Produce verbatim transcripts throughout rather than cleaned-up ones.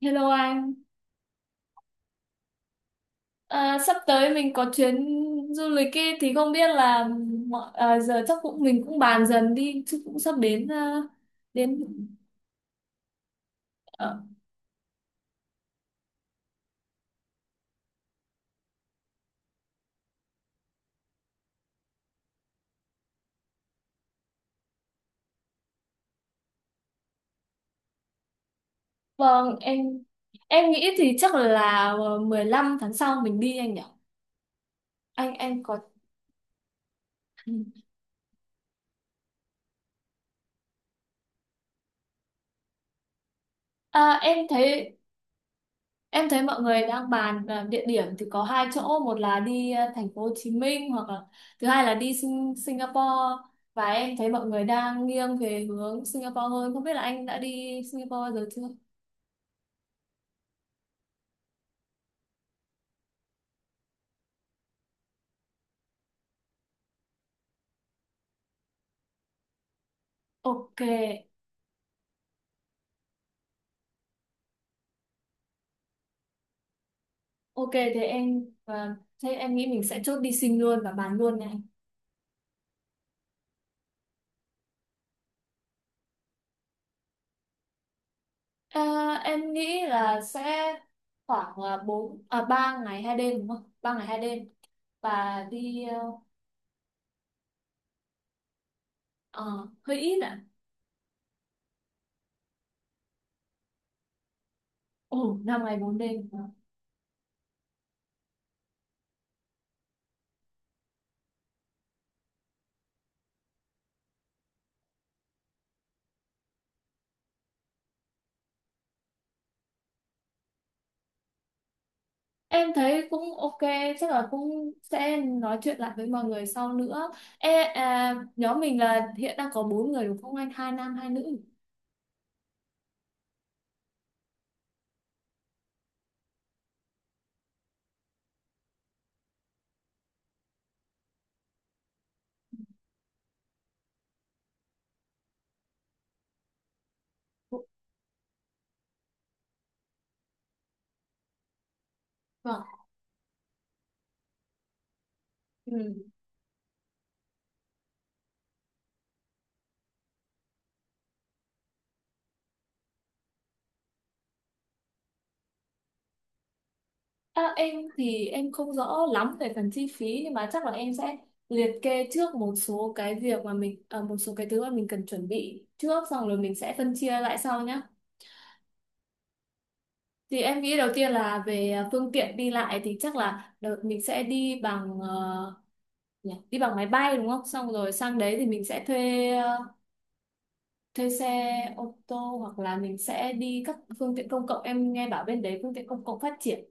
Hello anh, à, sắp tới mình có chuyến du lịch ấy, thì không biết là mọi- à, giờ chắc cũng mình cũng bàn dần đi chứ cũng sắp đến à, đến ờ, vâng, em em nghĩ thì chắc là ờ, mười lăm tháng sau mình đi anh nhỉ? Anh anh có à, em thấy Em thấy mọi người đang bàn à, địa điểm thì có hai chỗ, một là đi à, thành phố Hồ Chí Minh, hoặc là thứ hai là đi Sing Singapore, và em thấy mọi người đang nghiêng về hướng Singapore hơn. Không biết là anh đã đi Singapore bao giờ chưa? Ok, ok, thế em và thế em nghĩ mình sẽ chốt đi Sing luôn và bàn luôn này. À, em nghĩ là sẽ khoảng à, bốn à ba ngày hai đêm đúng không? Ba ngày hai đêm và đi à, ờ, hơi ít ạ. Ồ, năm ngày bốn đêm. Em thấy cũng ok, chắc là cũng sẽ nói chuyện lại với mọi người sau nữa. Ê, à, nhóm mình là hiện đang có bốn người đúng không anh? Hai nam, hai nữ. Vâng. Ừ. À, em thì em không rõ lắm về phần chi phí, nhưng mà chắc là em sẽ liệt kê trước một số cái việc mà mình, à, một số cái thứ mà mình cần chuẩn bị trước, xong rồi mình sẽ phân chia lại sau nhé. Thì em nghĩ đầu tiên là về à, phương tiện đi lại, thì chắc là đợt mình sẽ đi bằng ờ, nhỉ? Đi bằng máy bay đúng không, xong rồi sang đấy thì mình sẽ thuê ờ, thuê xe ô tô, hoặc là mình sẽ đi các phương tiện công cộng, em nghe bảo bên đấy phương tiện công cộng phát triển.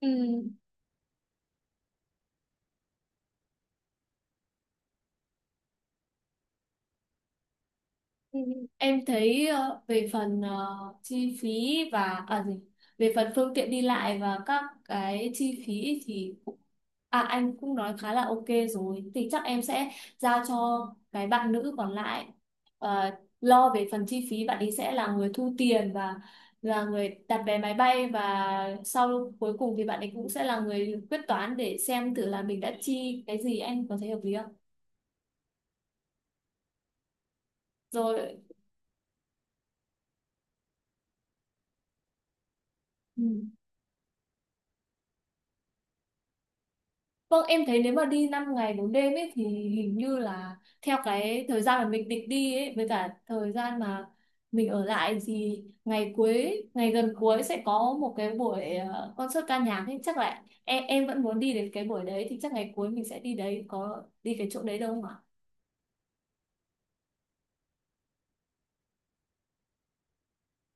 Ừ. Ừ. Em thấy ờ, về phần ờ, chi phí và à gì về phần phương tiện đi lại và các cái chi phí thì cũng- à anh cũng nói khá là ok rồi, thì chắc em sẽ giao cho cái bạn nữ còn lại ờ, lo về phần chi phí, bạn ấy sẽ là người thu tiền và là người đặt vé máy bay, và sau cuối cùng thì bạn ấy cũng sẽ là người quyết toán để xem thử là mình đã chi cái gì, anh có thấy hợp lý không? Rồi, ừ. Vâng, em thấy nếu mà đi năm ngày bốn đêm ấy thì hình như là theo cái thời gian mà mình định đi ấy với cả thời gian mà mình ở lại thì ngày cuối, ngày gần cuối sẽ có một cái buổi ờ, concert ca nhạc ấy, chắc là em em vẫn muốn đi đến cái buổi đấy, thì chắc ngày cuối mình sẽ đi đấy, có đi cái chỗ đấy đâu không ạ?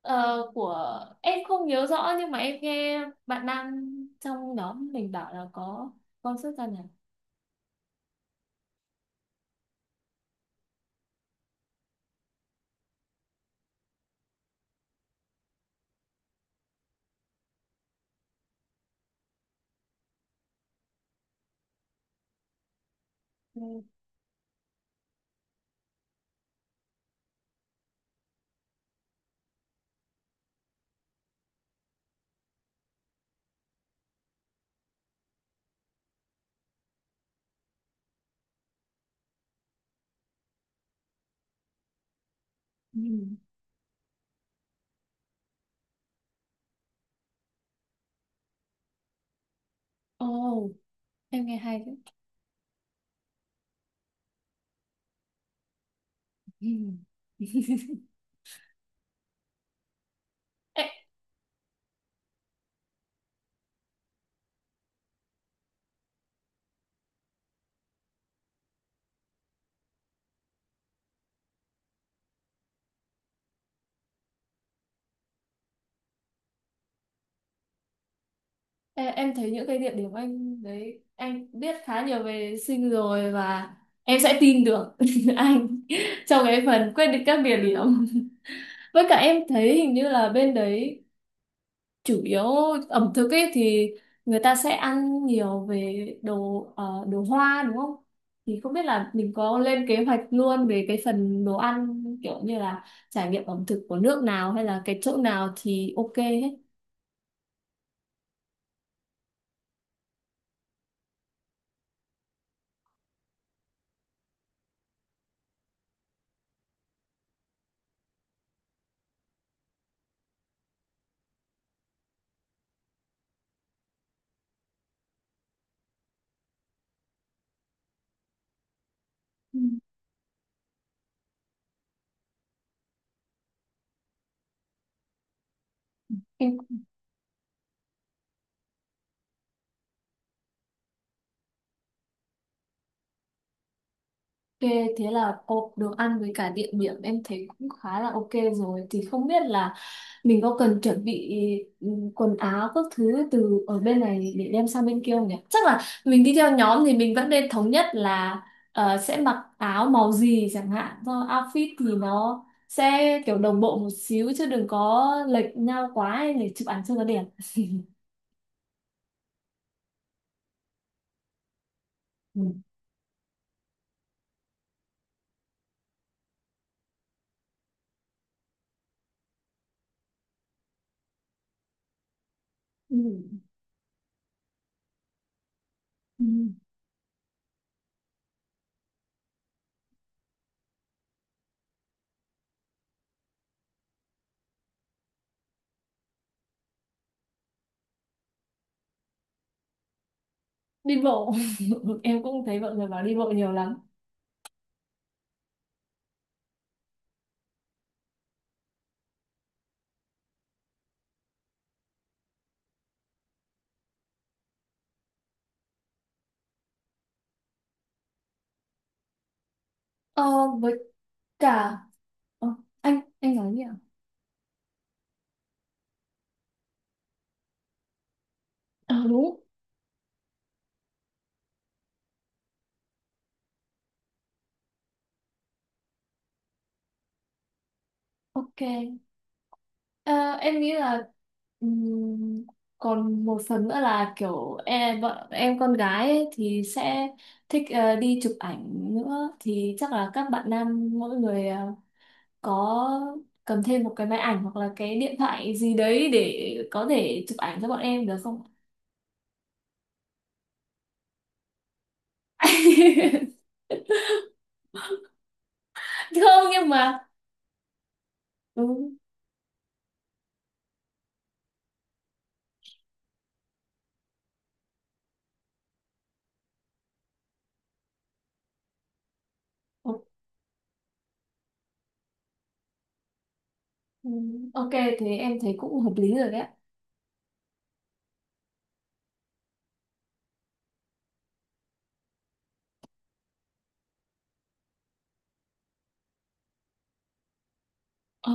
Ờ, của em không nhớ rõ, nhưng mà em nghe bạn nam trong nhóm mình bảo là có concert ca nhạc. Ừ. Ừ. Ồ, em nghe hay đấy. Ừ. Ê, Ê, em thấy những cái địa điểm anh đấy, anh biết khá nhiều về sinh rồi, và em sẽ tin được anh trong cái phần quyết định các địa điểm. Với cả em thấy hình như là bên đấy chủ yếu ẩm thực ấy, thì người ta sẽ ăn nhiều về đồ ờ, đồ hoa đúng không? Thì không biết là mình có lên kế hoạch luôn về cái phần đồ ăn, kiểu như là trải nghiệm ẩm thực của nước nào hay là cái chỗ nào thì ok hết. Ừ. Ok, thế là hộp đồ ăn với cả địa điểm em thấy cũng khá là ok rồi. Thì không biết là mình có cần chuẩn bị ừ, quần áo các thứ từ ở bên này để đem sang bên kia không nhỉ? Chắc là mình đi theo nhóm thì mình vẫn nên thống nhất là ờ, sẽ mặc áo màu gì chẳng hạn. Do outfit thì nó sẽ kiểu đồng bộ một xíu chứ đừng có lệch nhau quá ấy, để chụp ảnh cho nó đẹp. Ừ. Ừ. Ừ. Đi bộ. Em cũng thấy mọi người bảo đi bộ nhiều lắm. Ờ, với cả Ờ, anh anh nói gì ạ? Ờ, đúng. Ok. Ờ, em nghĩ là ừm, còn một phần nữa là kiểu em, bọn em con gái ấy thì sẽ thích ờ, đi chụp ảnh nữa, thì chắc là các bạn nam mỗi người ờ, có cầm thêm một cái máy ảnh hoặc là cái điện thoại gì đấy để có thể chụp ảnh cho bọn em được không? Không nhưng mà ừ, ok thì em thấy cũng hợp lý rồi đấy, ạ. Ờ.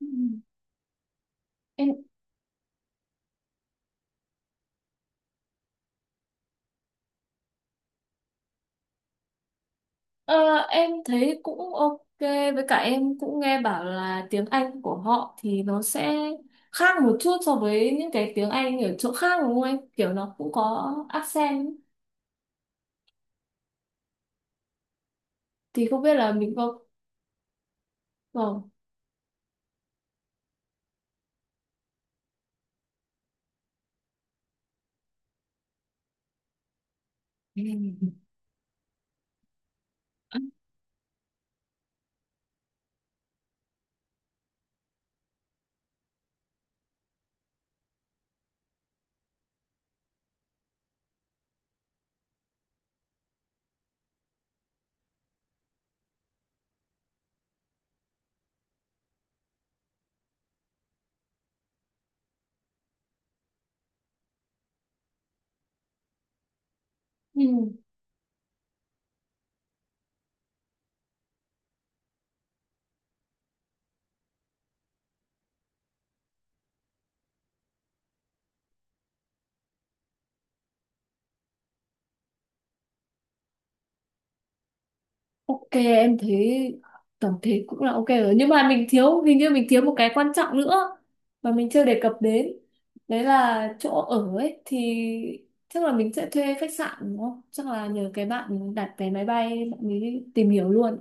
Ừ. Em Ờ, em thấy cũng ok, với cả em cũng nghe bảo là tiếng Anh của họ thì nó sẽ khác một chút so với những cái tiếng Anh ở chỗ khác đúng không em? Kiểu nó cũng có accent, thì không biết là mình có. Vâng. Ừ. Ừ. Ok em thấy tổng thể cũng là ok rồi, nhưng mà mình thiếu, hình như mình thiếu một cái quan trọng nữa mà mình chưa đề cập đến, đấy là chỗ ở ấy, thì chắc là mình sẽ thuê khách sạn đúng không, chắc là nhờ cái bạn đặt vé máy bay bạn ấy tìm hiểu luôn.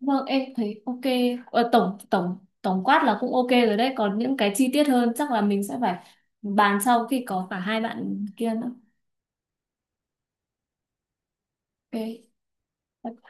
Vâng em thấy ok, ờ, tổng tổng tổng quát là cũng ok rồi đấy, còn những cái chi tiết hơn chắc là mình sẽ phải bàn sau khi có cả hai bạn kia nữa. Ok.